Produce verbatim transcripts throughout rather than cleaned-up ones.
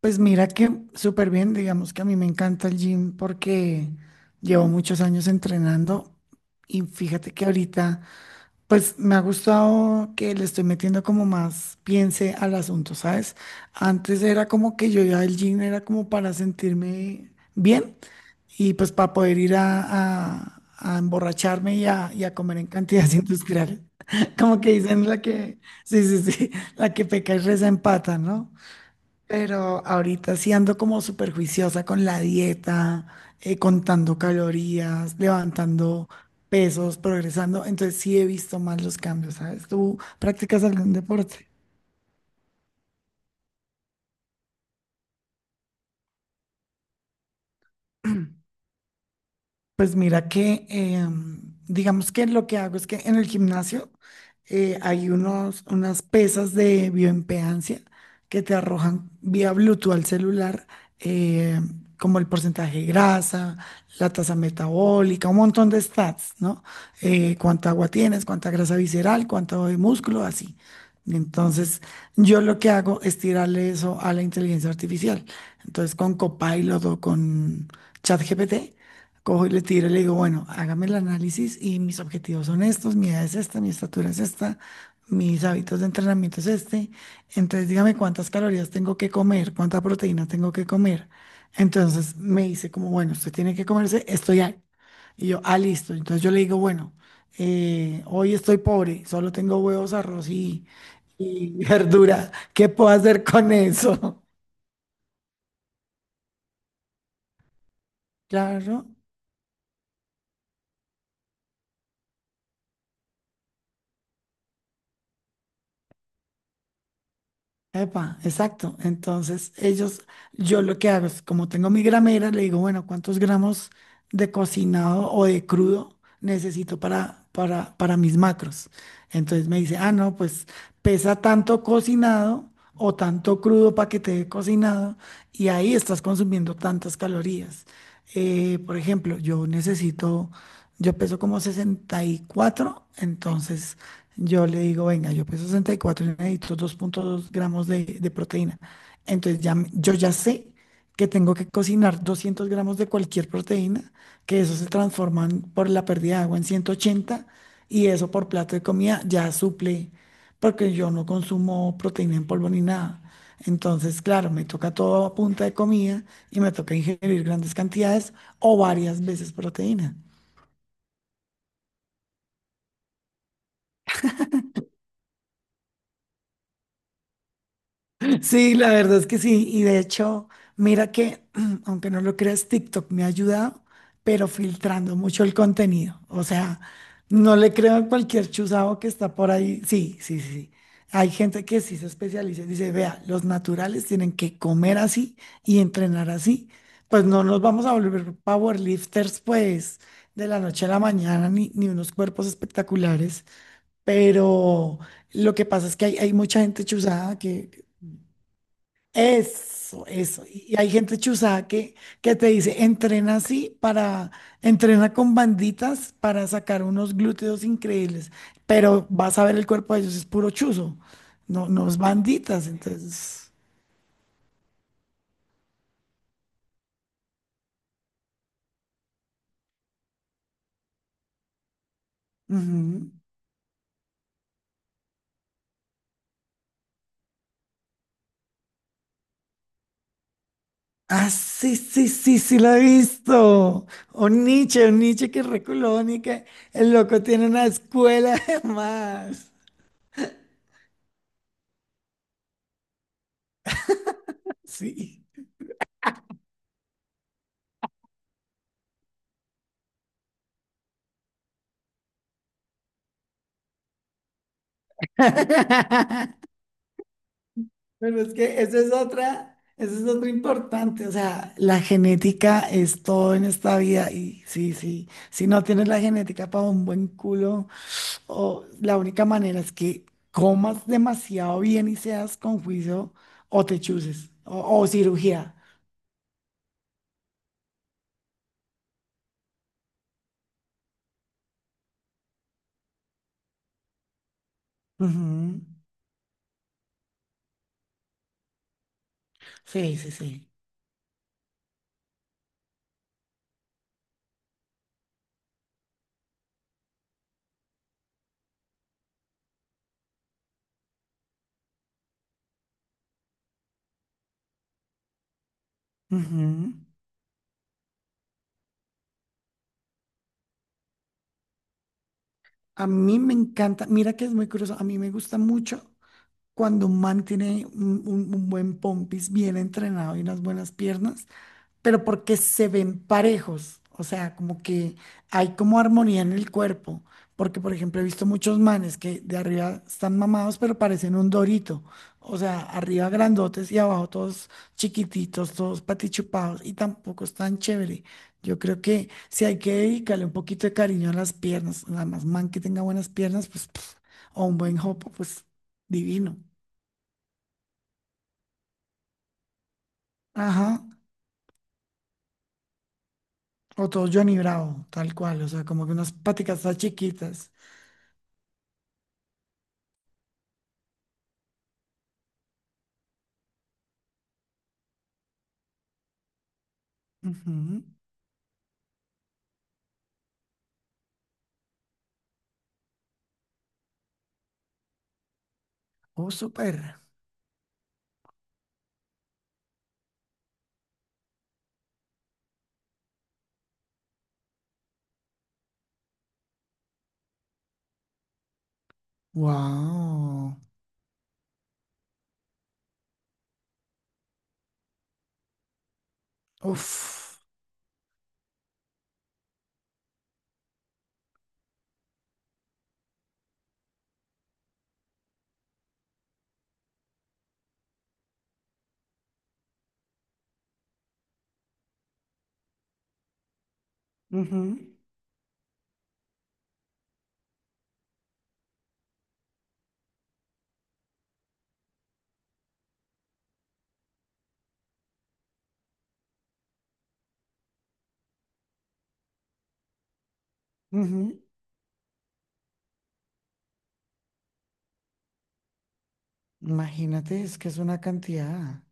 Pues mira que súper bien, digamos que a mí me encanta el gym porque llevo muchos años entrenando y fíjate que ahorita pues me ha gustado que le estoy metiendo como más piense al asunto, ¿sabes? Antes era como que yo ya el gym era como para sentirme bien y pues para poder ir a, a- a emborracharme y a, y a comer en cantidades industriales. Como que dicen la que, sí, sí, sí, la que peca y reza empata, ¿no? Pero ahorita sí ando como súper juiciosa con la dieta, eh, contando calorías, levantando pesos, progresando. Entonces sí he visto más los cambios, ¿sabes? ¿Tú practicas algún deporte? Pues mira que, em, digamos que lo que hago es que en el gimnasio eh, hay unos, unas pesas de bioimpedancia que te arrojan vía Bluetooth al celular, eh, como el porcentaje de grasa, la tasa metabólica, un montón de stats, ¿no? Eh, cuánta agua tienes, cuánta grasa visceral, cuánto de músculo, así. Entonces, yo lo que hago es tirarle eso a la inteligencia artificial. Entonces, con Copilot o con ChatGPT cojo y le tiro y le digo, bueno, hágame el análisis y mis objetivos son estos, mi edad es esta, mi estatura es esta, mis hábitos de entrenamiento es este. Entonces dígame cuántas calorías tengo que comer, cuánta proteína tengo que comer. Entonces me dice como, bueno, usted tiene que comerse esto ya. Y yo, ah, listo. Entonces yo le digo, bueno, eh, hoy estoy pobre, solo tengo huevos, arroz y, y verdura. ¿Qué puedo hacer con eso? Claro. Epa, exacto. Entonces, ellos, yo lo que hago es, como tengo mi gramera, le digo, bueno, ¿cuántos gramos de cocinado o de crudo necesito para, para, para mis macros? Entonces me dice, ah, no, pues pesa tanto cocinado o tanto crudo para que te dé cocinado y ahí estás consumiendo tantas calorías. Eh, por ejemplo, yo necesito, yo peso como sesenta y cuatro, entonces yo le digo, venga, yo peso sesenta y cuatro y cuatro y necesito dos punto dos gramos de, de proteína. Entonces ya, me- yo ya sé que tengo que cocinar doscientos gramos de cualquier proteína, que eso se transforman por la pérdida de agua en ciento ochenta, y eso por plato de comida ya suple, porque yo no consumo proteína en polvo ni nada. Entonces, claro, me toca todo a punta de comida y me toca ingerir grandes cantidades o varias veces proteína. Sí, la verdad es que sí. Y de hecho, mira que, aunque no lo creas, TikTok me ha ayudado, pero filtrando mucho el contenido. O sea, no le creo a cualquier chuzado que está por ahí. Sí, sí, sí. Sí. Hay gente que sí se especializa y dice, vea, los naturales tienen que comer así y entrenar así. Pues no nos vamos a volver powerlifters, pues, de la noche a la mañana, ni, ni unos cuerpos espectaculares. Pero lo que pasa es que hay, hay mucha gente chuzada que eso, eso. Y hay gente chuzada que, que te dice, entrena así para, entrena con banditas para sacar unos glúteos increíbles, pero vas a ver el cuerpo de ellos, es puro chuzo, no, no es banditas, entonces. Ujú. Ah, sí, sí, sí, sí, lo he visto. Un Nietzsche, un Nietzsche que es reculón y que el loco tiene una escuela además. Sí. Pero es que esa es otra, esa es otra importante, o sea, la genética es todo en esta vida y sí, sí, si no tienes la genética para un buen culo, o la única manera es que comas demasiado bien y seas con juicio o te chuses o, o cirugía. Ujú. Sí, sí, sí. Ujú. A mí me encanta, mira que es muy curioso, a mí me gusta mucho cuando un man tiene un, un un buen pompis bien entrenado y unas buenas piernas. Pero porque se ven parejos, o sea, como que hay como armonía en el cuerpo, porque por ejemplo he visto muchos manes que de arriba están mamados, pero parecen un dorito, o sea, arriba grandotes y abajo todos chiquititos, todos patichupados y tampoco es tan chévere. Yo creo que si hay que dedicarle un poquito de cariño a las piernas, nada más man que tenga buenas piernas, pues, pf, o un buen jopo, pues divino. Ajá. O todo Johnny Bravo, tal cual, o sea, como que unas patitas tan chiquitas. Ujú. Oh, súper. Wow. Uf. Ujú, ujú. Imagínate, es que es una cantidad.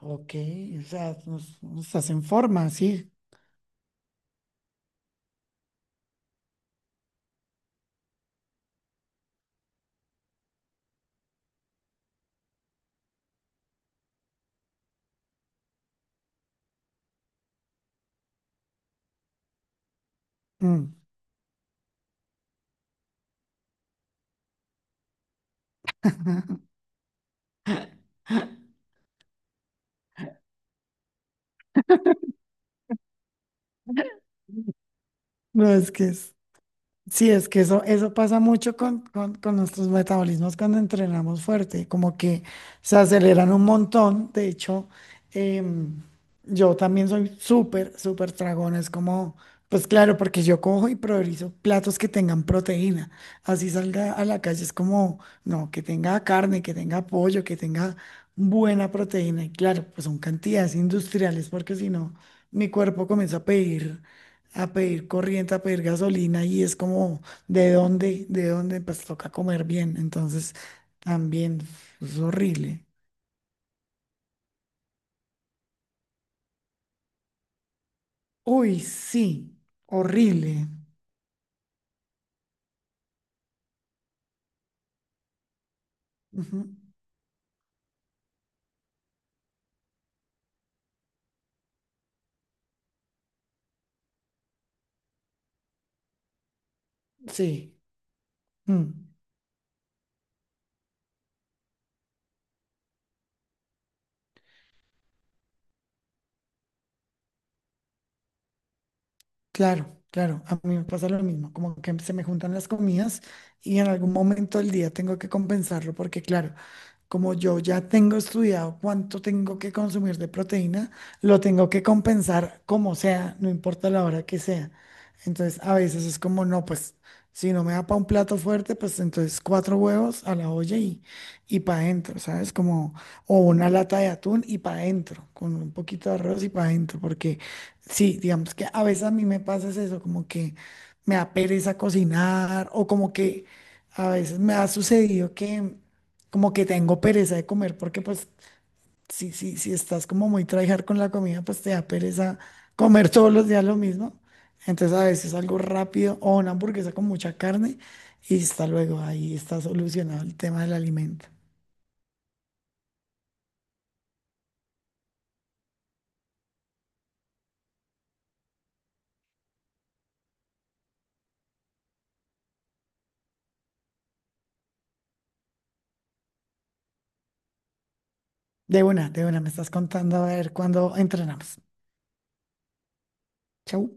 Ok, o sea, nos, nos estás forma, sí. Mm. No, es que es. Sí, es que eso, eso pasa mucho con, con, con nuestros metabolismos cuando entrenamos fuerte, como que se aceleran un montón. De hecho, em, yo también soy súper, súper tragón. Es como, pues claro, porque yo cojo y priorizo platos que tengan proteína. Así salga a la calle, es como, no, que tenga carne, que tenga pollo, que tenga buena proteína. Y claro, pues son cantidades industriales, porque si no, mi cuerpo comienza a pedir a pedir corriente, a pedir gasolina y es como, ¿de dónde? ¿De dónde? Pues toca comer bien. Entonces, también es horrible. Uy, sí, horrible. Ujú. Sí. Mm. Claro, claro, a mí me pasa lo mismo, como que se me juntan las comidas y en algún momento del día tengo que compensarlo porque claro, como yo ya tengo estudiado cuánto tengo que consumir de proteína, lo tengo que compensar como sea, no importa la hora que sea. Entonces, a veces es como, no, pues si no me da para un plato fuerte, pues entonces cuatro huevos a la olla y, y para adentro, ¿sabes? Como, o una lata de atún y para adentro, con un poquito de arroz y para adentro, porque sí, digamos que a veces a mí me pasa es eso, como que me da pereza cocinar, o como que a veces me ha sucedido que como que tengo pereza de comer, porque pues si, si, si estás como muy tryhard con la comida, pues te da pereza comer todos los días lo mismo. Entonces a veces algo rápido o una hamburguesa con mucha carne y hasta luego, ahí está solucionado el tema del alimento. De una, de una, me estás contando a ver cuándo entrenamos. Chau.